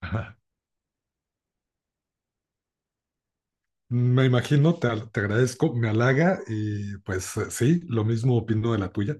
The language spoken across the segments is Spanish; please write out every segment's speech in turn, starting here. Ajá. Me imagino, te agradezco, me halaga y pues sí, lo mismo opino de la tuya.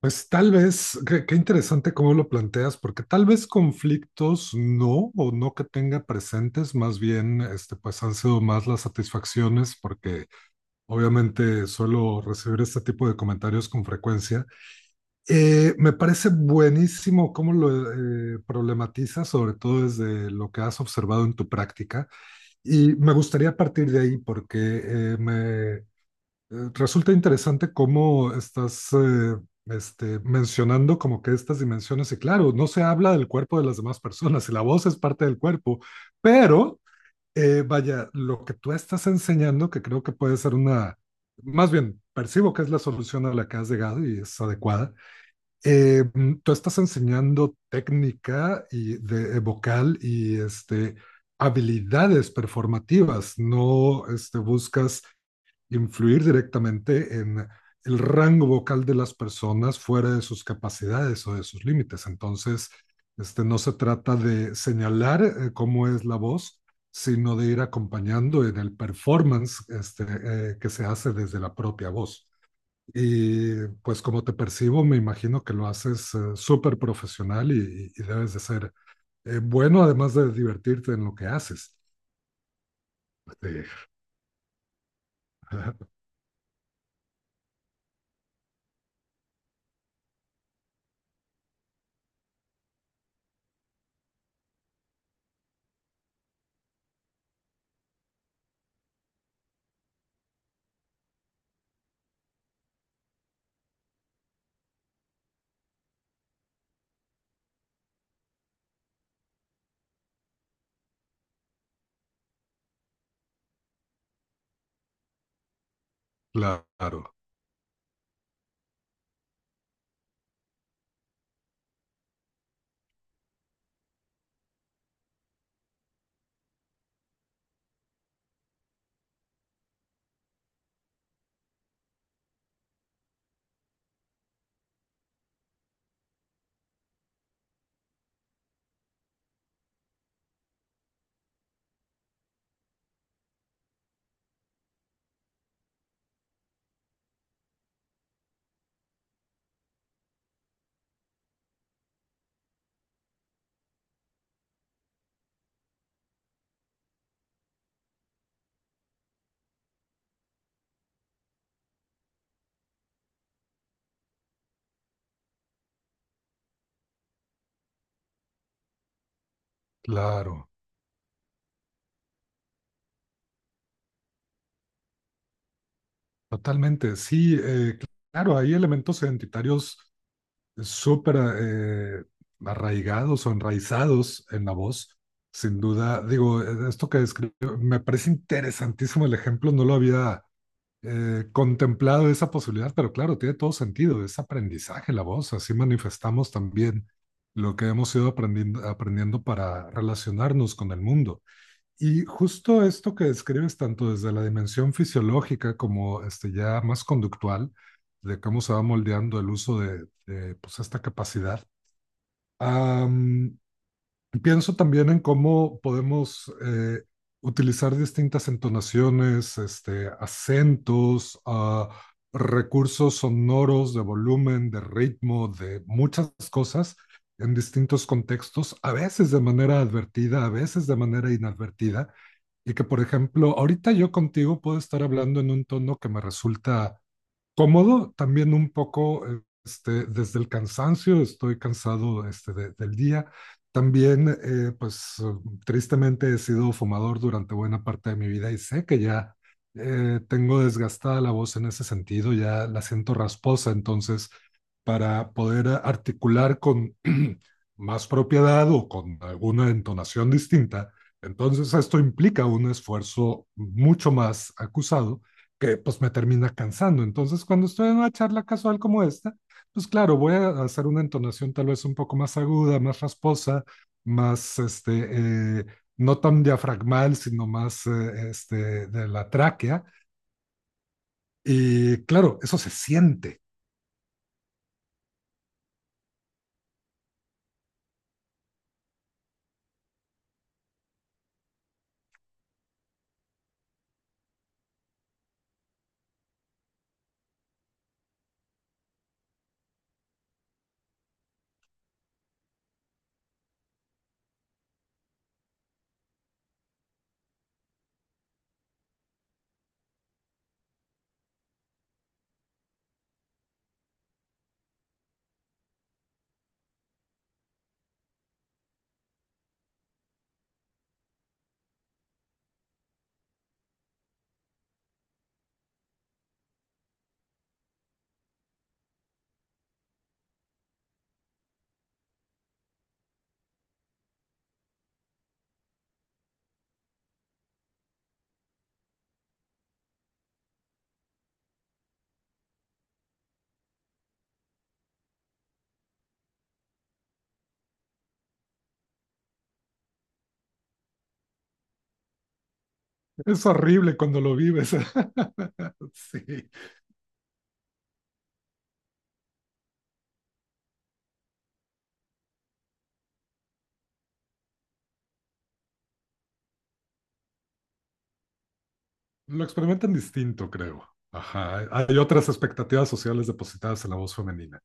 Pues tal vez, qué interesante cómo lo planteas, porque tal vez conflictos no, o no que tenga presentes, más bien, este, pues han sido más las satisfacciones, porque obviamente suelo recibir este tipo de comentarios con frecuencia. Me parece buenísimo cómo lo problematizas, sobre todo desde lo que has observado en tu práctica. Y me gustaría partir de ahí porque me resulta interesante cómo estás este, mencionando como que estas dimensiones, y claro, no se habla del cuerpo de las demás personas y la voz es parte del cuerpo, pero vaya, lo que tú estás enseñando, que creo que puede ser una, más bien, percibo que es la solución a la que has llegado y es adecuada. Tú estás enseñando técnica y vocal y este, habilidades performativas, no este, buscas influir directamente en el rango vocal de las personas fuera de sus capacidades o de sus límites. Entonces, este, no se trata de señalar cómo es la voz, sino de ir acompañando en el performance este, que se hace desde la propia voz. Y pues como te percibo, me imagino que lo haces súper profesional y debes de ser bueno, además de divertirte en lo que haces. Sí. Claro, claro, totalmente. Sí, claro, hay elementos identitarios súper arraigados o enraizados en la voz, sin duda. Digo, esto que describo, me parece interesantísimo el ejemplo, no lo había contemplado esa posibilidad, pero claro, tiene todo sentido, es aprendizaje la voz, así manifestamos también lo que hemos ido aprendiendo para relacionarnos con el mundo. Y justo esto que describes tanto desde la dimensión fisiológica como este, ya más conductual, de cómo se va moldeando el uso pues, esta capacidad. am, Pienso también en cómo podemos utilizar distintas entonaciones, este, acentos, recursos sonoros de volumen, de ritmo, de muchas cosas en distintos contextos, a veces de manera advertida, a veces de manera inadvertida. Y que, por ejemplo, ahorita yo contigo puedo estar hablando en un tono que me resulta cómodo, también un poco este, desde el cansancio, estoy cansado este, del día. También, tristemente he sido fumador durante buena parte de mi vida y sé que ya tengo desgastada la voz en ese sentido, ya la siento rasposa, entonces para poder articular con más propiedad o con alguna entonación distinta. Entonces esto implica un esfuerzo mucho más acusado que pues me termina cansando. Entonces cuando estoy en una charla casual como esta, pues claro, voy a hacer una entonación tal vez un poco más aguda, más rasposa, más este, no tan diafragmal, sino más este, de la tráquea. Y claro, eso se siente. Es horrible cuando lo vives. Sí, lo experimentan distinto, creo. Ajá, hay otras expectativas sociales depositadas en la voz femenina.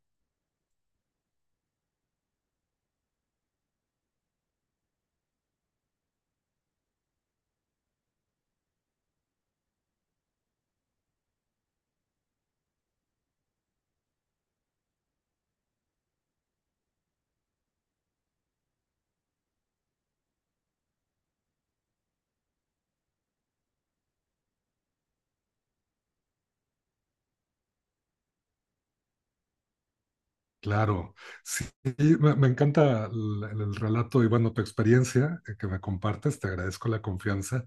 Claro, sí, me encanta el relato y bueno, tu experiencia que me compartes, te agradezco la confianza.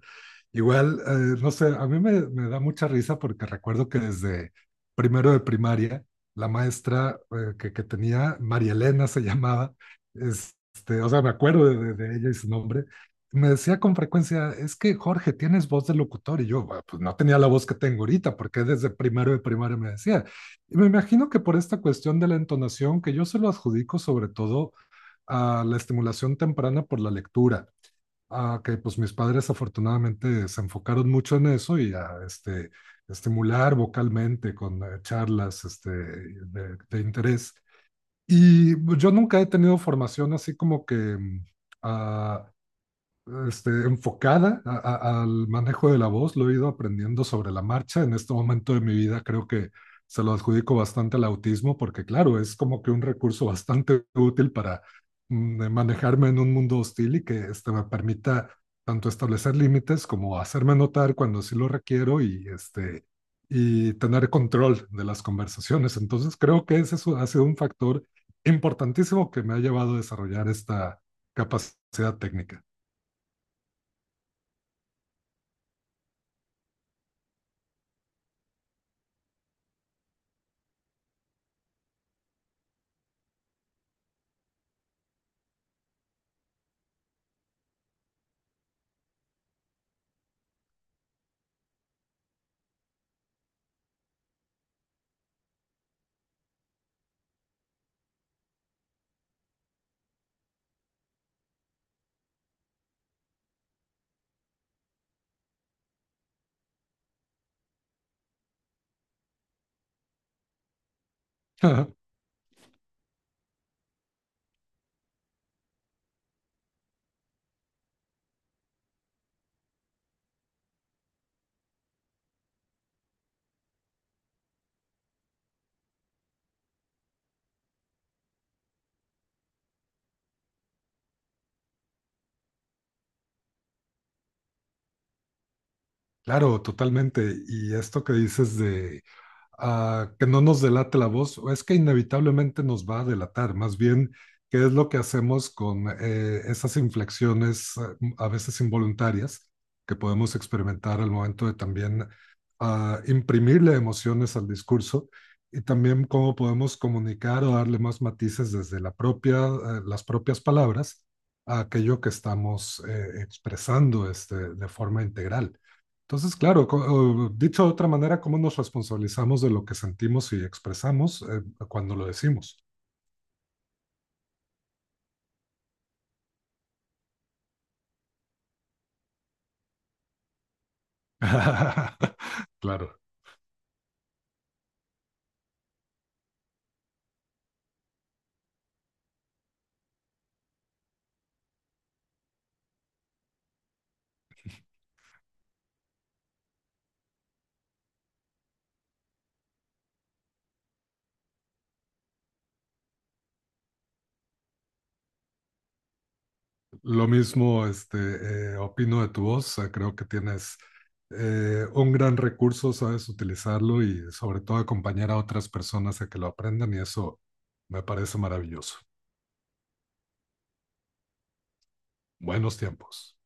Igual, no sé, a mí me da mucha risa porque recuerdo que desde primero de primaria, la maestra que tenía, María Elena se llamaba, este, o sea, me acuerdo de ella y su nombre, me decía con frecuencia, es que Jorge, tienes voz de locutor y yo, "Bueno, pues no tenía la voz que tengo ahorita", porque desde primero de primaria me decía, me imagino que por esta cuestión de la entonación, que yo se lo adjudico sobre todo a la estimulación temprana por la lectura, a que pues mis padres afortunadamente se enfocaron mucho en eso y a este, estimular vocalmente con charlas este, de interés. Y pues, yo nunca he tenido formación así como que ah, este, enfocada al manejo de la voz, lo he ido aprendiendo sobre la marcha. En este momento de mi vida creo que se lo adjudico bastante al autismo porque, claro, es como que un recurso bastante útil para manejarme en un mundo hostil y que este, me permita tanto establecer límites como hacerme notar cuando sí lo requiero y, este, y tener control de las conversaciones. Entonces creo que ese es ha sido un factor importantísimo que me ha llevado a desarrollar esta capacidad técnica. Claro, totalmente. Y esto que dices de que no nos delate la voz, es que inevitablemente nos va a delatar, más bien, qué es lo que hacemos con esas inflexiones a veces involuntarias que podemos experimentar al momento de también imprimirle emociones al discurso y también cómo podemos comunicar o darle más matices desde la propia, las propias palabras a aquello que estamos expresando este, de forma integral. Entonces, claro, o dicho de otra manera, ¿cómo nos responsabilizamos de lo que sentimos y expresamos cuando lo decimos? Claro, lo mismo este, opino de tu voz, creo que tienes un gran recurso, sabes utilizarlo y sobre todo acompañar a otras personas a que lo aprendan y eso me parece maravilloso. Buenos tiempos.